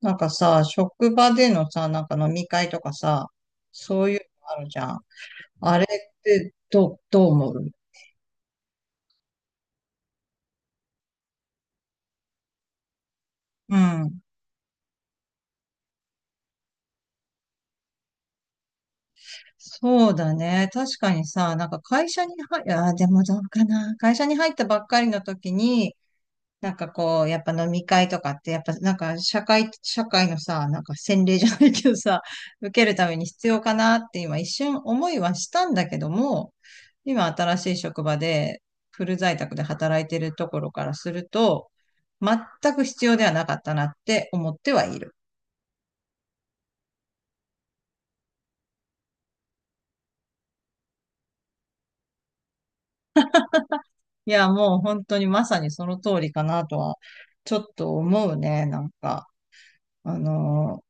なんかさ、職場でのさ、飲み会とかさ、そういうのあるじゃん。あれってどう思う？うん。そうだね。確かにさ、会社に入、あー、でもどうかな。会社に入ったばっかりの時に、やっぱ飲み会とかって、やっぱ社会のさ、なんか洗礼じゃないけどさ、受けるために必要かなって今一瞬思いはしたんだけども、今新しい職場でフル在宅で働いてるところからすると、全く必要ではなかったなって思ってはいる。いや、もう本当にまさにその通りかなとは、ちょっと思うね、なんか。あの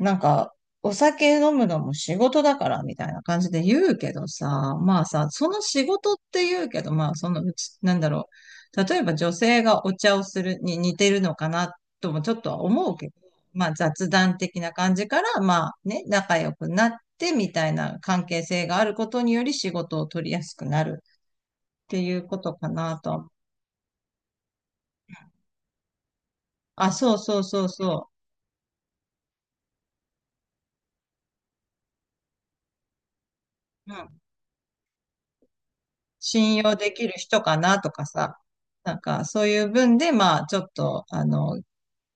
ーなんか、お酒飲むのも仕事だからみたいな感じで言うけどさ、まあさ、その仕事って言うけど、まあそのうち、なんだろう。例えば女性がお茶をするに似てるのかなともちょっとは思うけど、まあ雑談的な感じから、まあね、仲良くなってみたいな関係性があることにより仕事を取りやすくなるっていうことかなと。あ、そうそうそうそう。信用できる人かなとかさ、なんかそういう分で、まあちょっと、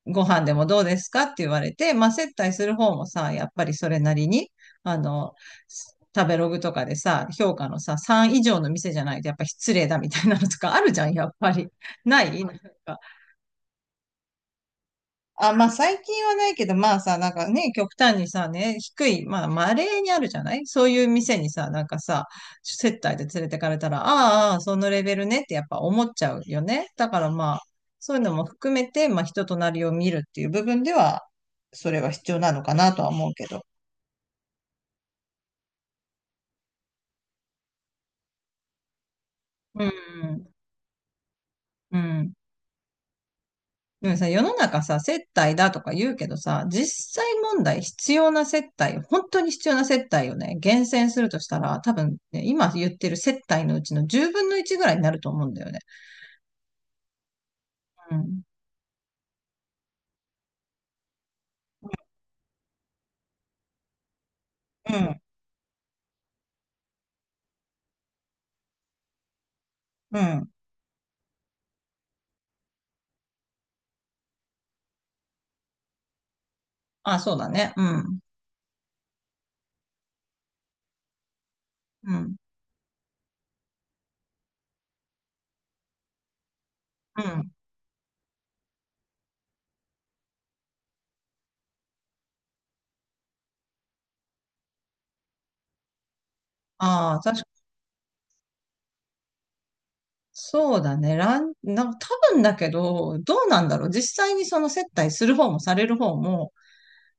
ご飯でもどうですかって言われて、まあ接待する方もさ、やっぱりそれなりに、あの、食べログとかでさ、評価のさ、3以上の店じゃないとやっぱ失礼だみたいなのとかあるじゃん、やっぱり。ないなんか、あ、まあ最近はないけど、まあさ、なんかね、極端にさ、ね、低い、まあ稀にあるじゃないそういう店にさ、なんかさ、接待で連れてかれたら、ああ、ああそのレベルねってやっぱ思っちゃうよね。だからまあ、そういうのも含めて、まあ人となりを見るっていう部分では、それは必要なのかなとは思うけど。うん、うん。でもさ、世の中さ、接待だとか言うけどさ、実際問題必要な接待、本当に必要な接待をね、厳選するとしたら、多分ね、今言ってる接待のうちの10分の1ぐらいになると思うんだよね。うん。うん。うん。あ、そうだね。うん。うん。うん。ああ、確かそうだね。ラン、なんか多分だけど、どうなんだろう。実際にその接待する方もされる方も、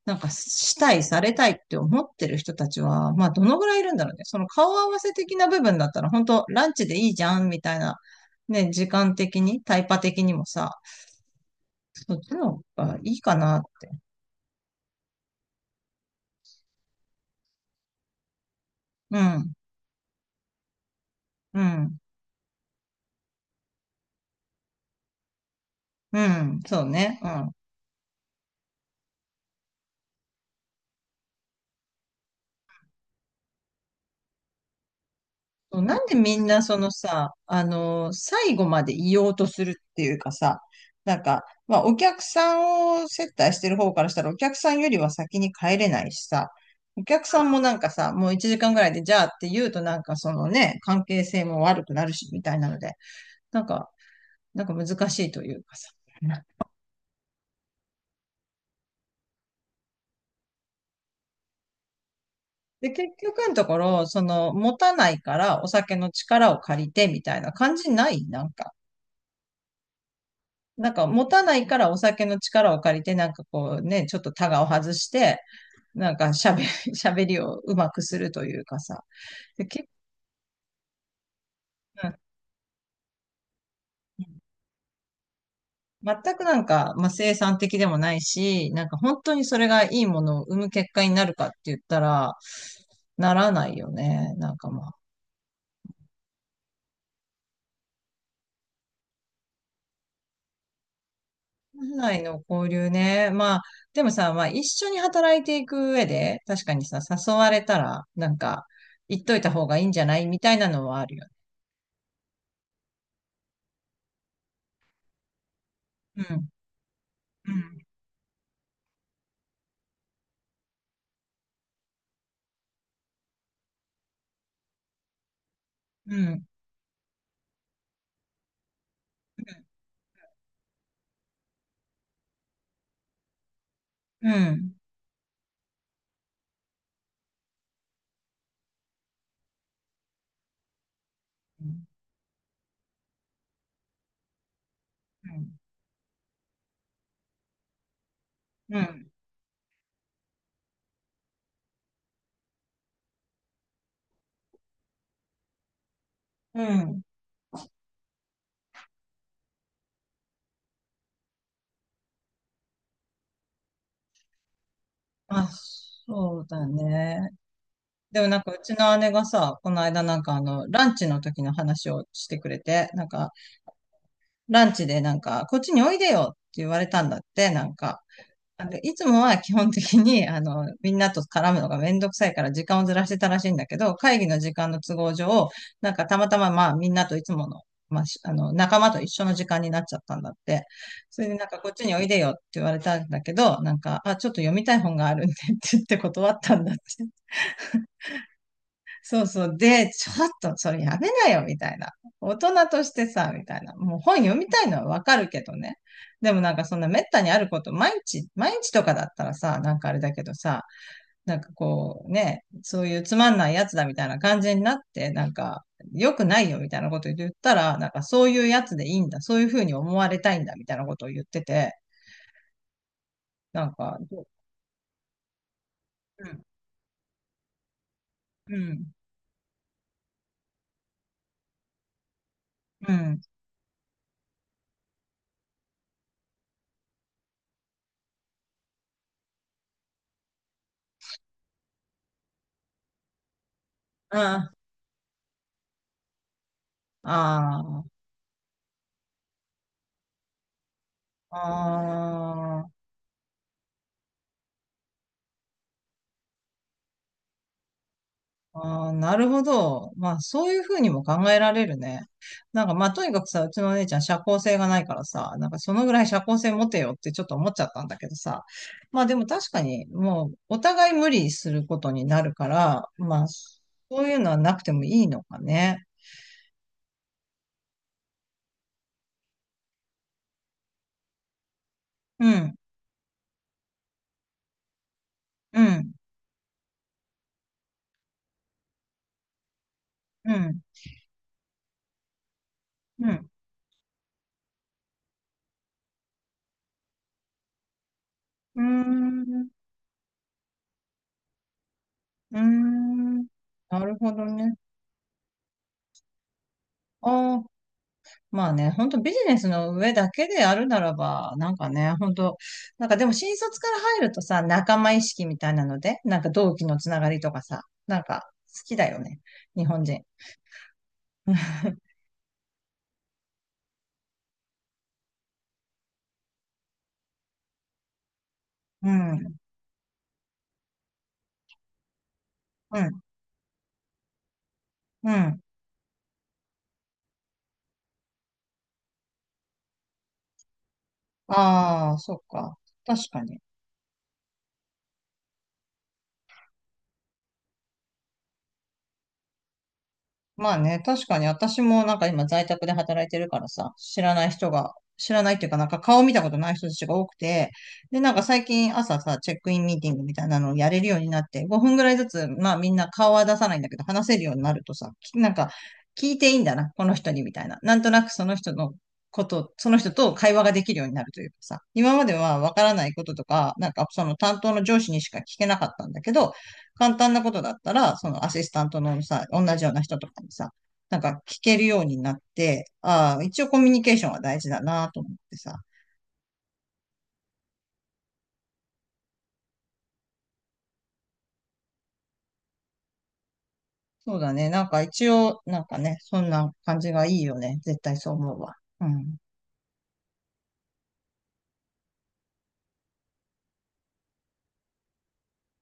なんかしたい、されたいって思ってる人たちは、まあどのぐらいいるんだろうね。その顔合わせ的な部分だったら、本当ランチでいいじゃん、みたいな、ね、時間的に、タイパ的にもさ、そっちの方がいいかな。うん、うん、うん、そうね、うん。そうなんでみんなそのさ、最後まで言おうとするっていうかさ、まあ、お客さんを接待してる方からしたら、お客さんよりは先に帰れないしさ、お客さんもなんかさ、もう1時間ぐらいで、じゃあって言うとなんかそのね、関係性も悪くなるし、みたいなので、なんか、なんか難しいというかさ。で、結局のところ、その、持たないからお酒の力を借りて、みたいな感じないなんか。なんか持たないからお酒の力を借りて、なんかこうね、ちょっとタガを外して、なんか喋、喋りをうまくするというかさ。で結うん、全くなんか、まあ、生産的でもないし、なんか本当にそれがいいものを生む結果になるかって言ったら、ならないよね。なんかまあ、本来の交流ね。まあ、でもさ、まあ一緒に働いていく上で、確かにさ、誘われたら、なんか、言っといた方がいいんじゃないみたいなのはあるよね。うん。うん。うん。うん。うん。うん。うん。あ、そうだね。でもなんかうちの姉がさ、この間なんかあの、ランチの時の話をしてくれて、ランチでなんか、こっちにおいでよって言われたんだって、なんか。あの、いつもは基本的に、あの、みんなと絡むのがめんどくさいから時間をずらしてたらしいんだけど、会議の時間の都合上、なんかたまたままあみんなといつもの、まあ、しあの、仲間と一緒の時間になっちゃったんだって。それでなんかこっちにおいでよって言われたんだけど、なんか、あ、ちょっと読みたい本があるんでって言って断ったんだって。そうそう。で、ちょっとそれやめなよ、みたいな。大人としてさ、みたいな。もう本読みたいのはわかるけどね。でもなんかそんな滅多にあること、毎日、毎日とかだったらさ、なんかあれだけどさ、なんかこうね、そういうつまんないやつだみたいな感じになって、なんか良くないよみたいなこと言ったら、なんかそういうやつでいいんだ、そういうふうに思われたいんだみたいなことを言ってて、なんか、うん、うん、うん、ああ、ああ、ああ、なるほど。まあ、そういうふうにも考えられるね。なんか、まあ、とにかくさ、うちのお姉ちゃん社交性がないからさ、なんかそのぐらい社交性持てよってちょっと思っちゃったんだけどさ。まあ、でも確かに、もう、お互い無理することになるから、まあ、そういうのはなくてもいいのかね。うん、うん、うん、うん。うーん、うーん。なるほどね。ああ、まあね、本当ビジネスの上だけであるならば、なんかね、本当なんかでも新卒から入るとさ、仲間意識みたいなので、なんか同期のつながりとかさ、なんか好きだよね、日本人。うん、うん、うん。ああ、そっか。確かに。まあね、確かに私もなんか今在宅で働いてるからさ、知らない人が、知らないっていうかなんか顔見たことない人たちが多くて、で、なんか最近朝さ、チェックインミーティングみたいなのをやれるようになって、5分ぐらいずつ、まあみんな顔は出さないんだけど、話せるようになるとさ、き、なんか聞いていいんだな、この人にみたいな。なんとなくその人のこと、その人と会話ができるようになるというかさ、今まではわからないこととか、なんかその担当の上司にしか聞けなかったんだけど、簡単なことだったら、そのアシスタントのさ、同じような人とかにさ、なんか聞けるようになって、ああ、一応コミュニケーションは大事だなと思ってさ。そうだね。なんか一応、なんかね、そんな感じがいいよね。絶対そう思うわ。うん。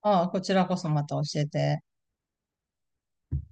ああ、こちらこそまた教えて。